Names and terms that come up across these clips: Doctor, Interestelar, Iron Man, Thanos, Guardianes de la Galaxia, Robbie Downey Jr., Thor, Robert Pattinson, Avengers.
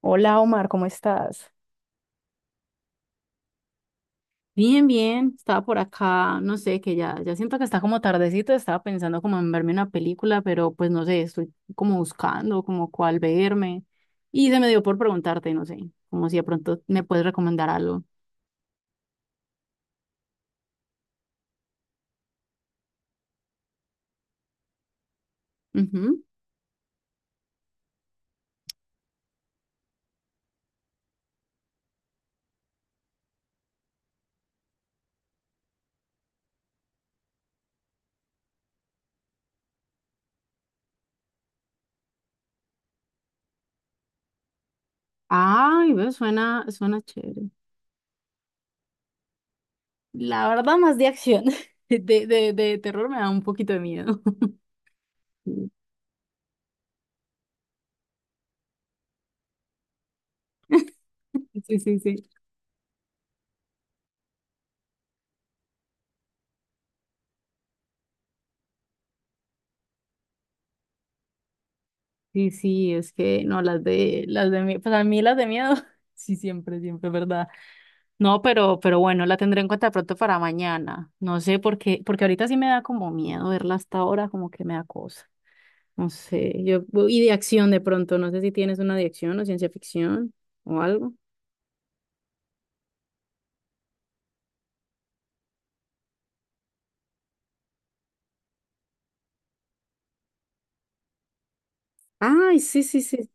Hola Omar, ¿cómo estás? Bien, bien, estaba por acá, no sé, que ya siento que está como tardecito, estaba pensando como en verme una película, pero pues no sé, estoy como buscando como cuál verme y se me dio por preguntarte, no sé, como si de pronto me puedes recomendar algo. Ujú. Ay, ve, suena chévere. La verdad, más de acción, de terror me da un poquito de miedo. Sí, sí, sí. Sí, sí, es que no, las de mí, pues a mí las de miedo, sí, siempre, siempre, ¿verdad? No, pero bueno, la tendré en cuenta de pronto para mañana. No sé por qué, porque ahorita sí me da como miedo verla hasta ahora, como que me da cosa. No sé, yo, y de acción de pronto, no sé si tienes una de acción o ciencia ficción o algo. Ay, sí, sí, sí.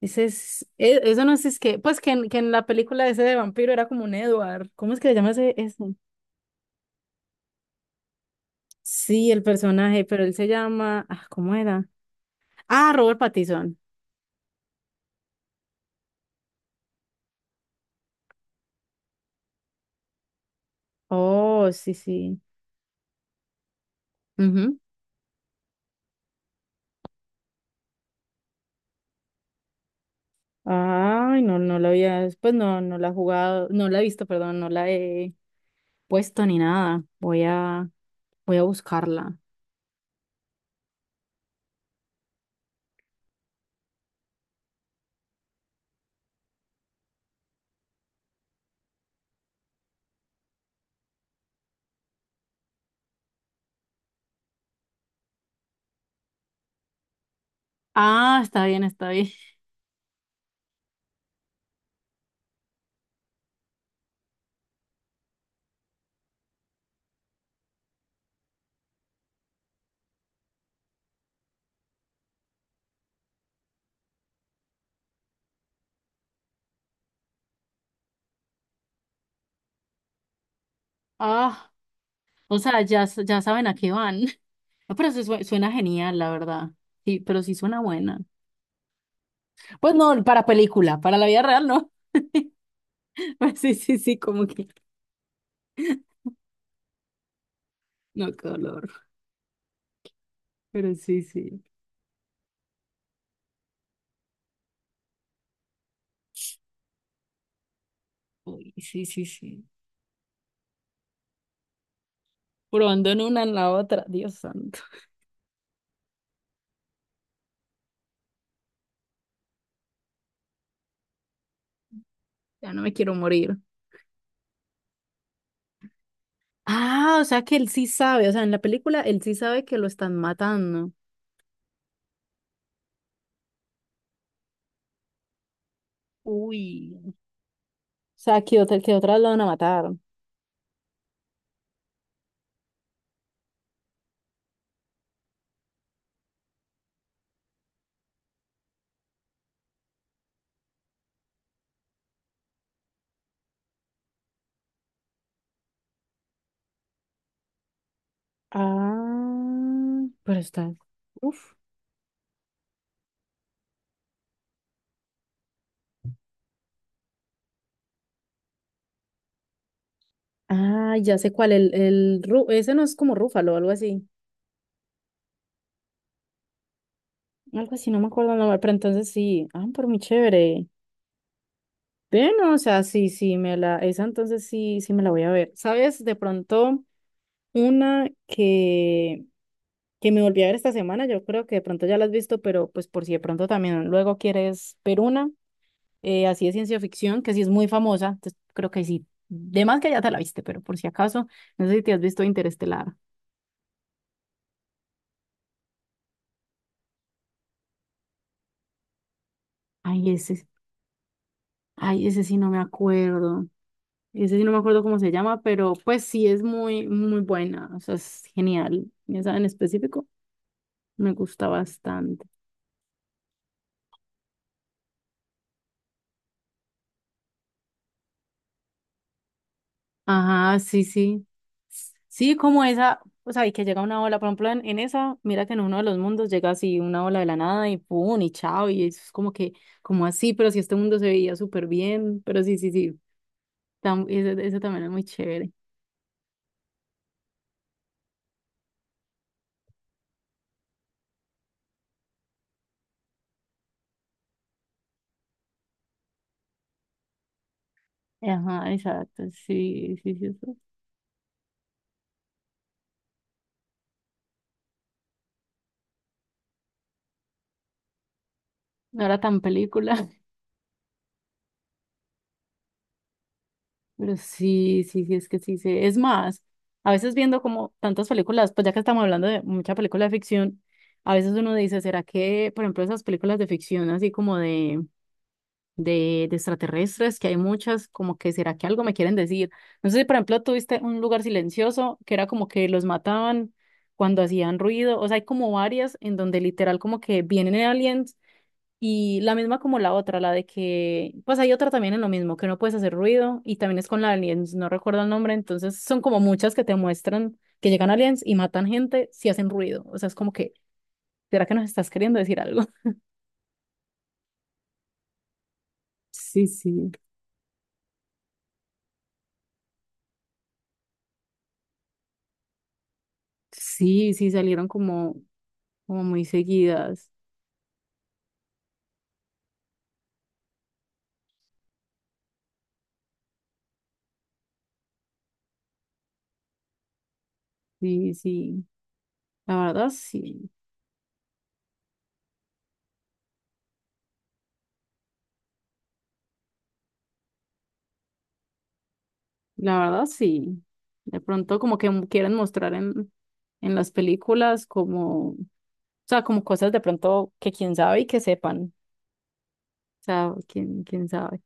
Ese es, eso no es, es que, pues que en la película ese de vampiro era como un Edward. ¿Cómo es que se llama ese? Sí, el personaje, pero él se llama, ah, ¿cómo era? Ah, Robert Pattinson. Oh, sí, sí. Ujú. Ay, no, no la había, pues no, no la he jugado, no la he visto, perdón, no la he puesto ni nada. Voy a buscarla. Ah, está bien, está bien. Ah, o sea, ya, ya saben a qué van. Ah, pero eso suena genial, la verdad. Sí, pero sí suena buena. Pues no, para película, para la vida real, no. Pues sí, sí, sí, como que no, qué dolor. Pero sí, sí. Uy, sí, sí, sí. Probando en una en la otra, Dios santo. Ya no me quiero morir. Ah, o sea que él sí sabe, o sea, en la película él sí sabe que lo están matando. Uy, o sea, que otra, que otras lo van a matar. Ah, pero está. Uf. Ah, ya sé cuál, el ese no es como Rúfalo o algo así. Algo así, no me acuerdo el nombre, pero entonces sí. Ah, pero muy chévere. Bueno, o sea, sí, sí, esa entonces sí, sí me la voy a ver. ¿Sabes? De pronto, una que me volví a ver esta semana, yo creo que de pronto ya la has visto, pero pues por si de pronto también luego quieres ver una, así de ciencia ficción, que sí es muy famosa, entonces creo que sí, de más que ya te la viste, pero por si acaso, no sé si te has visto Interestelar. Ay, ese, ay, ese sí no me acuerdo cómo se llama, pero pues sí es muy, muy buena, o sea, es genial, esa en específico me gusta bastante. Ajá, sí, sí. Sí, como esa, o sea, y que llega una ola, por ejemplo, en esa, mira que en uno de los mundos llega así una ola de la nada y pum, y chao, y es como que, como así, pero si este mundo se veía súper bien, pero sí, sí, sí, eso, eso también es muy chévere. Ajá, exacto, sí, sí, sí, eso. No era tan película, pero sí, sí, sí, es que sí, sí. Es más, a veces viendo como tantas películas, pues ya que estamos hablando de mucha película de ficción, a veces uno dice, ¿será que, por ejemplo, esas películas de ficción así como de extraterrestres, que hay muchas, como que será que algo me quieren decir. No sé si, por ejemplo, tuviste un lugar silencioso que era como que los mataban cuando hacían ruido, o sea, hay como varias en donde literal como que vienen aliens y la misma como la otra, la de que, pues hay otra también en lo mismo, que no puedes hacer ruido y también es con la aliens, no recuerdo el nombre, entonces son como muchas que te muestran que llegan aliens y matan gente si hacen ruido, o sea, es como que, ¿será que nos estás queriendo decir algo? Sí, sí. Sí, sí, salieron como, como muy seguidas. Sí, sí, la verdad sí, la verdad sí. De pronto como que quieren mostrar en las películas como, o sea, como cosas de pronto que quién sabe y que sepan. O sea, quién sabe.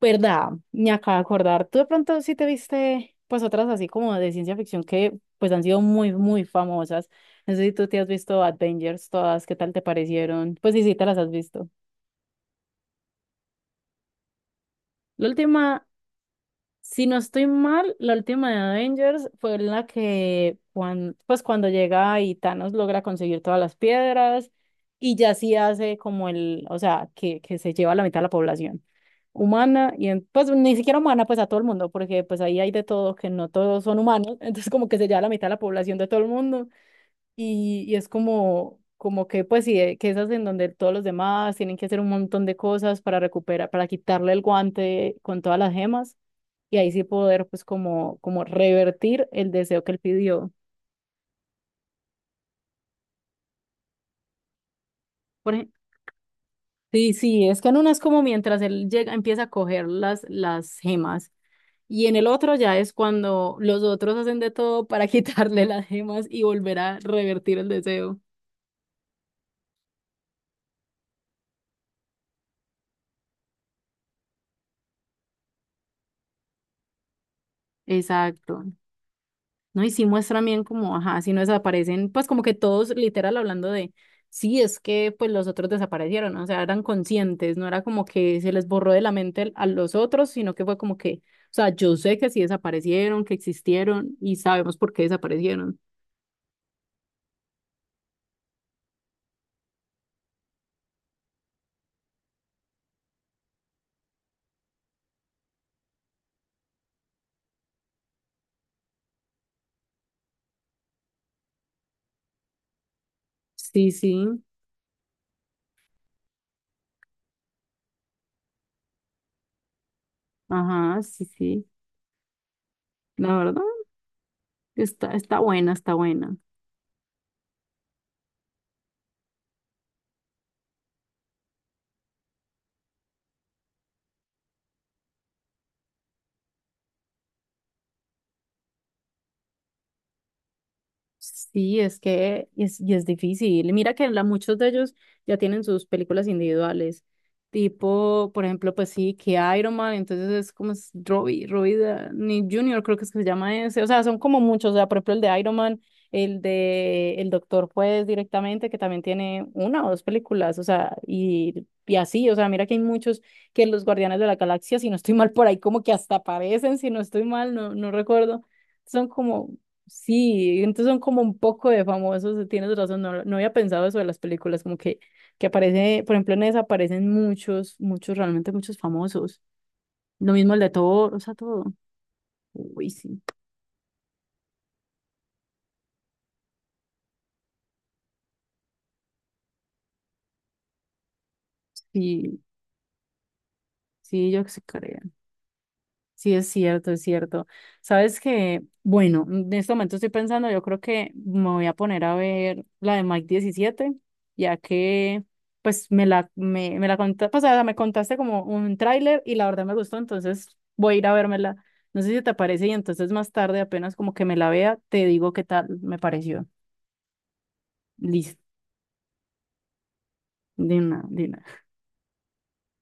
¿Verdad? Me acabo de acordar. Tú de pronto sí te viste pues otras así como de ciencia ficción que pues han sido muy, muy famosas. No sé si tú te has visto Avengers todas, ¿qué tal te parecieron? Pues sí, sí, te las has visto. La última, si no estoy mal, la última de Avengers fue la que, pues cuando llega y Thanos logra conseguir todas las piedras y ya sí hace como el, o sea, que se lleva la mitad de la población humana pues ni siquiera humana, pues a todo el mundo, porque pues ahí hay de todo, que no todos son humanos, entonces como que se lleva la mitad de la población de todo el mundo y es como, como que pues sí, que esas en donde todos los demás tienen que hacer un montón de cosas para recuperar, para quitarle el guante con todas las gemas y ahí sí poder pues como, como revertir el deseo que él pidió. Por ej- sí, sí, es que en una es como mientras él llega, empieza a coger las gemas y en el otro ya es cuando los otros hacen de todo para quitarle las gemas y volver a revertir el deseo. Exacto. ¿No? Y sí muestran bien como, ajá, si no desaparecen, pues como que todos literal hablando de, sí, es que pues los otros desaparecieron, ¿no? O sea, eran conscientes, no era como que se les borró de la mente a los otros, sino que fue como que, o sea, yo sé que sí desaparecieron, que existieron y sabemos por qué desaparecieron. Sí, sí, ajá, sí, sí, la verdad, está está buena, está buena. Sí, es que es, y es difícil. Mira que muchos de ellos ya tienen sus películas individuales. Tipo, por ejemplo, pues sí, que Iron Man, entonces es como es Robbie Downey Jr., creo que es que se llama ese. O sea, son como muchos. O sea, por ejemplo, el de Iron Man, el de El Doctor, pues directamente, que también tiene una o dos películas. O sea, y así, o sea, mira que hay muchos que los Guardianes de la Galaxia, si no estoy mal por ahí, como que hasta aparecen, si no estoy mal, no, no recuerdo, son como, sí, entonces son como un poco de famosos, tienes razón, no, no había pensado eso de las películas, como que aparece, por ejemplo, en esa aparecen realmente muchos famosos. Lo mismo el de Thor, o sea, todo. Uy, sí, sí, sí, yo sí creo. Sí, es cierto, es cierto. Sabes que, bueno, en este momento estoy pensando, yo creo que me voy a poner a ver la de Mike 17, ya que, pues, me la contaste, o sea, me contaste como un tráiler y la verdad me gustó, entonces voy a ir a vérmela. No sé si te parece y entonces más tarde, apenas como que me la vea, te digo qué tal me pareció. Listo, de una, de una.